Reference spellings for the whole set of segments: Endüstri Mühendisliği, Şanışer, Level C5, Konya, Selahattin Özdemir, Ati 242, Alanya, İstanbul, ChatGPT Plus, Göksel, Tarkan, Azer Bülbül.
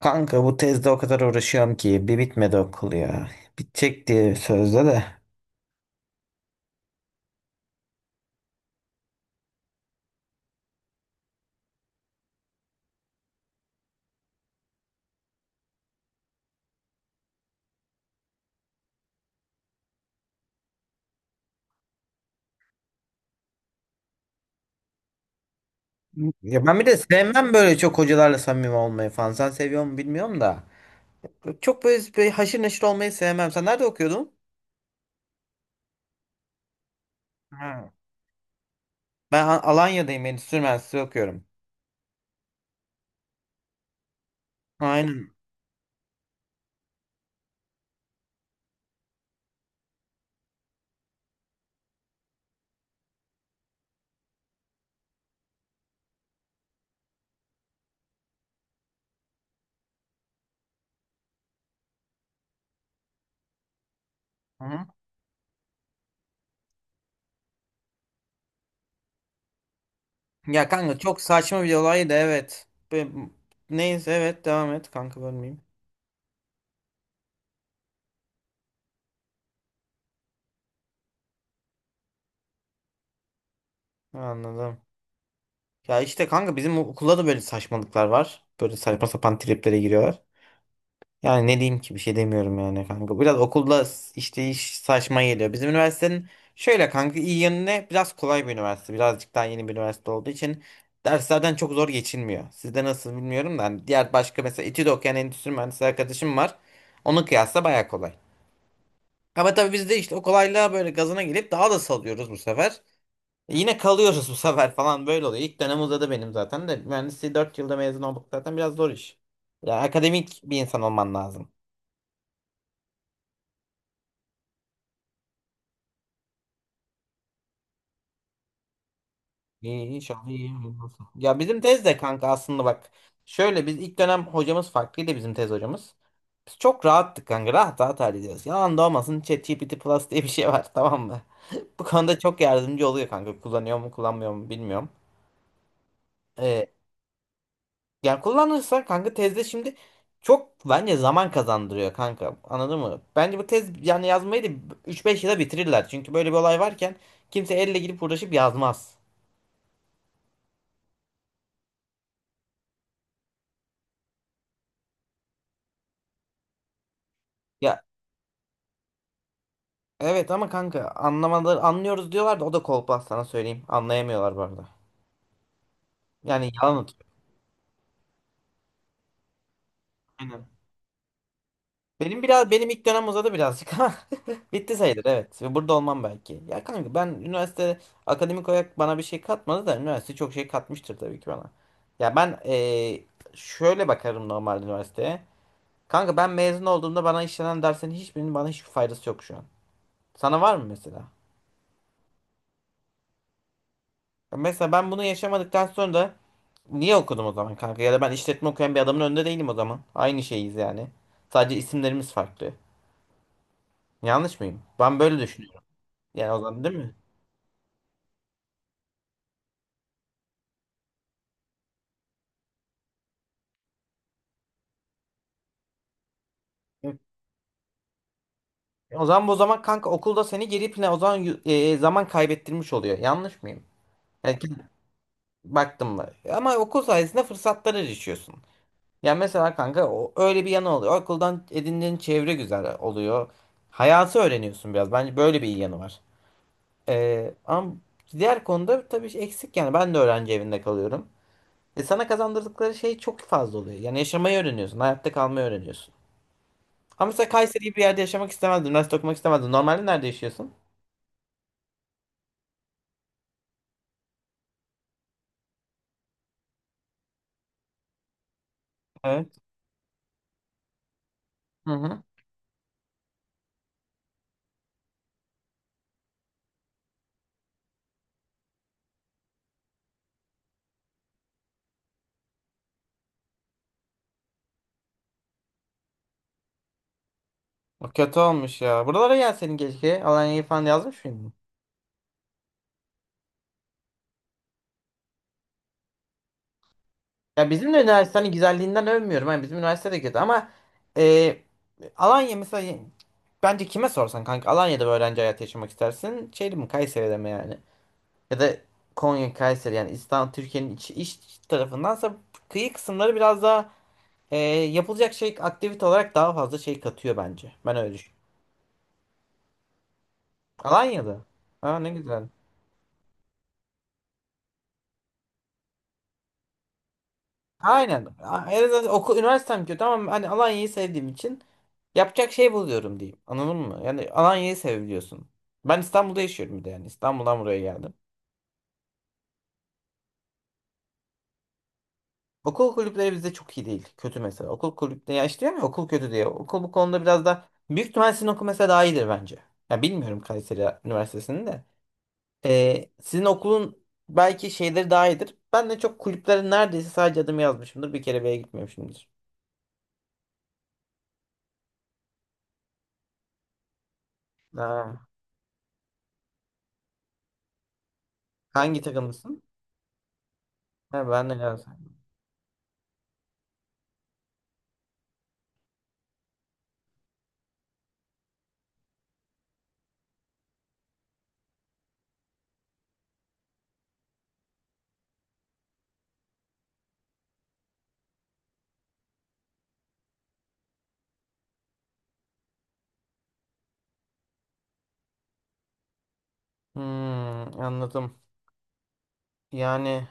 Kanka bu tezde o kadar uğraşıyorum ki bir bitmedi okul ya. Bitecek diye sözde de. Ya ben bir de sevmem böyle çok hocalarla samimi olmayı falan. Sen seviyor mu bilmiyorum da. Çok böyle, böyle haşır neşir olmayı sevmem. Sen nerede okuyordun? Ha, ben Alanya'dayım. Endüstri Mühendisliği okuyorum. Aynen. Aha. Ya kanka çok saçma bir olaydı, evet. Neyse, evet, devam et kanka, bölmeyeyim. Anladım. Ya işte kanka bizim okulda da böyle saçmalıklar var. Böyle saçma sapan triplere giriyorlar. Yani ne diyeyim ki, bir şey demiyorum yani kanka. Biraz okulda işte iş saçma geliyor. Bizim üniversitenin şöyle kanka iyi yanı ne? Biraz kolay bir üniversite. Birazcık daha yeni bir üniversite olduğu için derslerden çok zor geçilmiyor. Sizde nasıl bilmiyorum da hani diğer başka mesela İTÜ'de okuyan endüstri mühendisi arkadaşım var. Onun kıyasla baya kolay. Ama tabii biz de işte o kolaylığa böyle gazına gelip daha da salıyoruz bu sefer. E yine kalıyoruz bu sefer falan, böyle oluyor. İlk dönem uzadı benim zaten de, mühendisliği 4 yılda mezun olduk zaten, biraz zor iş. Yani akademik bir insan olman lazım. İyi, inşallah iyi olursun. Ya bizim tez de kanka aslında bak. Şöyle, biz ilk dönem hocamız farklıydı, bizim tez hocamız. Biz çok rahattık kanka. Rahat rahat hallediyoruz. Yalan da olmasın, ChatGPT Plus diye bir şey var tamam mı? Bu konuda çok yardımcı oluyor kanka. Kullanıyor mu kullanmıyor mu bilmiyorum. Ee, yani kullanırsa kanka tezde şimdi çok bence zaman kazandırıyor kanka. Anladın mı? Bence bu tez yani yazmayı da 3-5 yıla bitirirler. Çünkü böyle bir olay varken kimse elle gidip uğraşıp yazmaz. Ya evet, ama kanka anlamaları, anlıyoruz diyorlar da o da kolpa, sana söyleyeyim. Anlayamıyorlar bu arada. Yani yalan atıyor. Aynen. Benim ilk dönem uzadı birazcık ama bitti sayılır, evet. Burada olmam belki. Ya kanka ben üniversite akademik olarak bana bir şey katmadı da, üniversite çok şey katmıştır tabii ki bana. Ya ben şöyle bakarım normal üniversiteye. Kanka ben mezun olduğumda bana işlenen derslerin hiçbirinin bana hiçbir faydası yok şu an. Sana var mı mesela? Ya mesela ben bunu yaşamadıktan sonra niye okudum o zaman kanka? Ya da ben işletme okuyan bir adamın önünde değilim o zaman. Aynı şeyiz yani. Sadece isimlerimiz farklı. Yanlış mıyım? Ben böyle düşünüyorum. Yani o zaman değil mi? Yok. O zaman bu zaman kanka okulda seni geri plan o zaman zaman kaybettirmiş oluyor. Yanlış mıyım? Yani baktım mı? Ama okul sayesinde fırsatlara erişiyorsun. Yani mesela kanka o, öyle bir yanı oluyor. Okuldan edindiğin çevre güzel oluyor. Hayatı öğreniyorsun biraz. Bence böyle bir iyi yanı var. Ama diğer konuda tabii şey eksik yani. Ben de öğrenci evinde kalıyorum. E sana kazandırdıkları şey çok fazla oluyor. Yani yaşamayı öğreniyorsun. Hayatta kalmayı öğreniyorsun. Ama mesela Kayseri gibi bir yerde yaşamak istemezdin. Üniversite okumak istemezdin. Normalde nerede yaşıyorsun? Evet. Hı hı. O kötü olmuş ya. Buralara gel senin keşke. Alanya'yı falan yazmış mıydın? Ya bizim de üniversitenin güzelliğinden övmüyorum. Yani bizim üniversite de kötü ama e, Alanya mesela bence kime sorsan kanka Alanya'da bir öğrenci hayatı yaşamak istersin. Şeyde mi Kayseri'de mi yani? Ya da Konya Kayseri yani, İstanbul Türkiye'nin iç tarafındansa kıyı kısımları biraz daha Ee, yapılacak şey aktivite olarak daha fazla şey katıyor bence. Ben öyle düşünüyorum. Alanya'da. Ha, ne güzel. Aynen. En azından okul, üniversitem kötü ama hani Alanya'yı sevdiğim için yapacak şey buluyorum diyeyim. Anladın mı? Yani Alanya'yı seviyorsun. Ben İstanbul'da yaşıyorum bir de yani. İstanbul'dan buraya geldim. Okul kulüpleri bizde çok iyi değil. Kötü mesela. Okul kulüpleri ya işte, diyorum ya okul kötü diye. Okul bu konuda biraz da, büyük ihtimal sizin okul mesela daha iyidir bence. Ya bilmiyorum Kayseri Üniversitesi'nin de. Sizin okulun belki şeyleri daha iyidir. Ben de çok kulüplerin neredeyse sadece adımı yazmışımdır. Bir kere bile gitmemişimdir. Ha, hangi takımlısın? Ha, ben de Galatasaray'ım. Hmm, anladım. Yani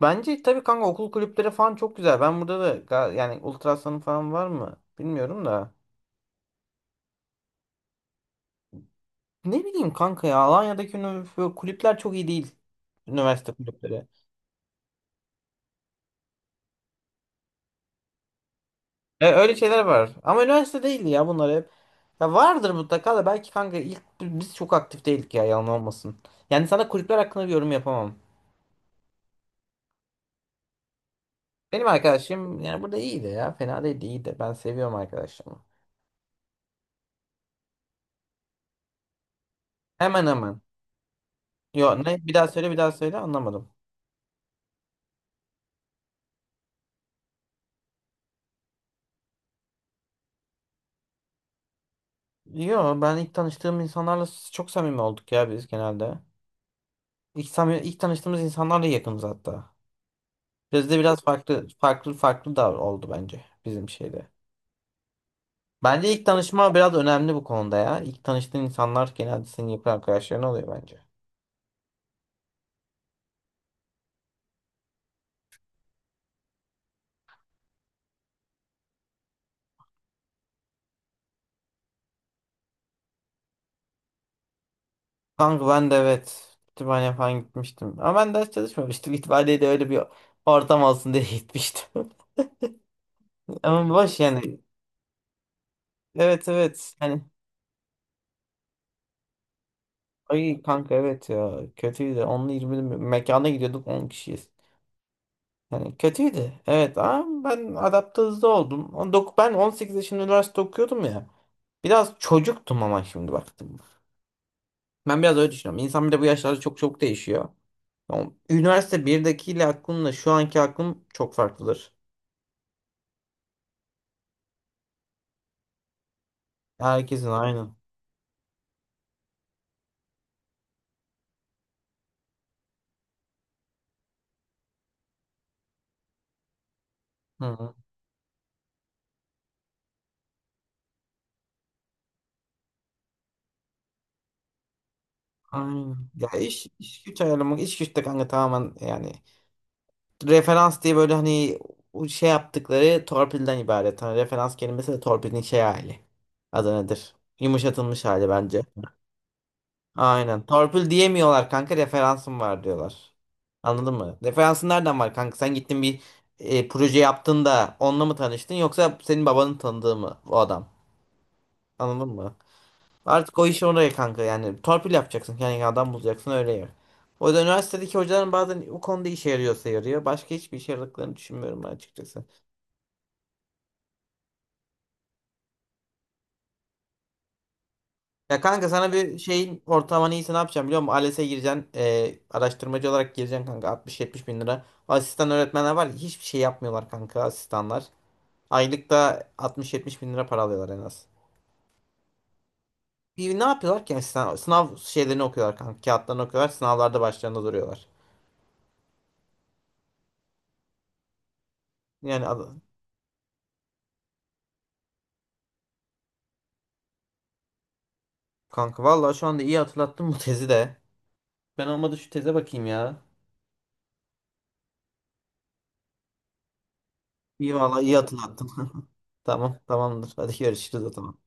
bence tabii kanka okul kulüpleri falan çok güzel. Ben burada da yani Ultrasan'ın falan var mı? Bilmiyorum da. Ne bileyim kanka, ya Alanya'daki kulüpler çok iyi değil. Üniversite kulüpleri. Öyle şeyler var. Ama üniversite değildi ya bunlar hep. Ya vardır mutlaka da, belki kanka ilk biz çok aktif değildik ya, yalan olmasın. Yani sana kulüpler hakkında bir yorum yapamam. Benim arkadaşım yani burada iyiydi ya. Fena değildi, iyiydi. Ben seviyorum arkadaşımı. Hemen hemen. Yo, ne, bir daha söyle bir daha söyle, anlamadım. Yo, ben ilk tanıştığım insanlarla çok samimi olduk ya biz genelde. İlk, samimi, ilk tanıştığımız insanlarla yakınız hatta. Bizde biraz farklı farklı farklı da oldu bence bizim şeyde. Bence ilk tanışma biraz önemli bu konuda ya. İlk tanıştığın insanlar genelde senin yakın arkadaşların oluyor bence. Kanka ben de evet kütüphane falan gitmiştim. Ama ben ders çalışmamıştım. Kütüphaneye de öyle bir ortam olsun diye gitmiştim. Ama boş yani. Evet, evet. Yani ay kanka evet ya. Kötüydü. 10'lu 20'li mekana gidiyorduk 10 kişiyiz. Yani kötüydü. Evet ama ben adapte hızlı oldum. Ben 18 yaşında üniversite okuyordum ya. Biraz çocuktum ama şimdi baktım. Ben biraz öyle düşünüyorum. İnsan bir de bu yaşlarda çok çok değişiyor. Yani üniversite birdekiyle aklımla şu anki aklım çok farklıdır. Herkesin aynı. Hı hı. Aynen. Ya iş güç ayarlamak, iş güç de kanka tamamen yani referans diye, böyle hani o şey yaptıkları torpilden ibaret. Hani referans kelimesi de torpilin şey hali. Adı nedir? Yumuşatılmış hali bence. Aynen. Torpil diyemiyorlar kanka, referansım var diyorlar. Anladın mı? Referansın nereden var kanka? Sen gittin bir proje yaptın da onunla mı tanıştın, yoksa senin babanın tanıdığı mı o adam? Anladın mı? Artık o iş oraya kanka, yani torpil yapacaksın, kendine adam bulacaksın, öyle yer. O yüzden üniversitedeki hocaların bazen o konuda işe yarıyorsa yarıyor. Başka hiçbir işe yaradıklarını düşünmüyorum ben açıkçası. Ya kanka sana bir şeyin ortalamanı iyisi ne yapacağım biliyor musun? ALES'e gireceksin. Araştırmacı olarak gireceksin kanka 60-70 bin lira. Asistan öğretmenler var ya hiçbir şey yapmıyorlar kanka asistanlar. Aylıkta 60-70 bin lira para alıyorlar en az. Bir ne yapıyorlar ki asistan? Sınav şeylerini okuyorlar kanka. Kağıtlarını okuyorlar. Sınavlarda başlarında duruyorlar. Yani kanka vallahi şu anda iyi hatırlattın bu tezi de. Ben olmadı şu teze bakayım ya. İyi vallahi iyi hatırlattın. Tamam, tamamdır. Hadi görüşürüz o zaman.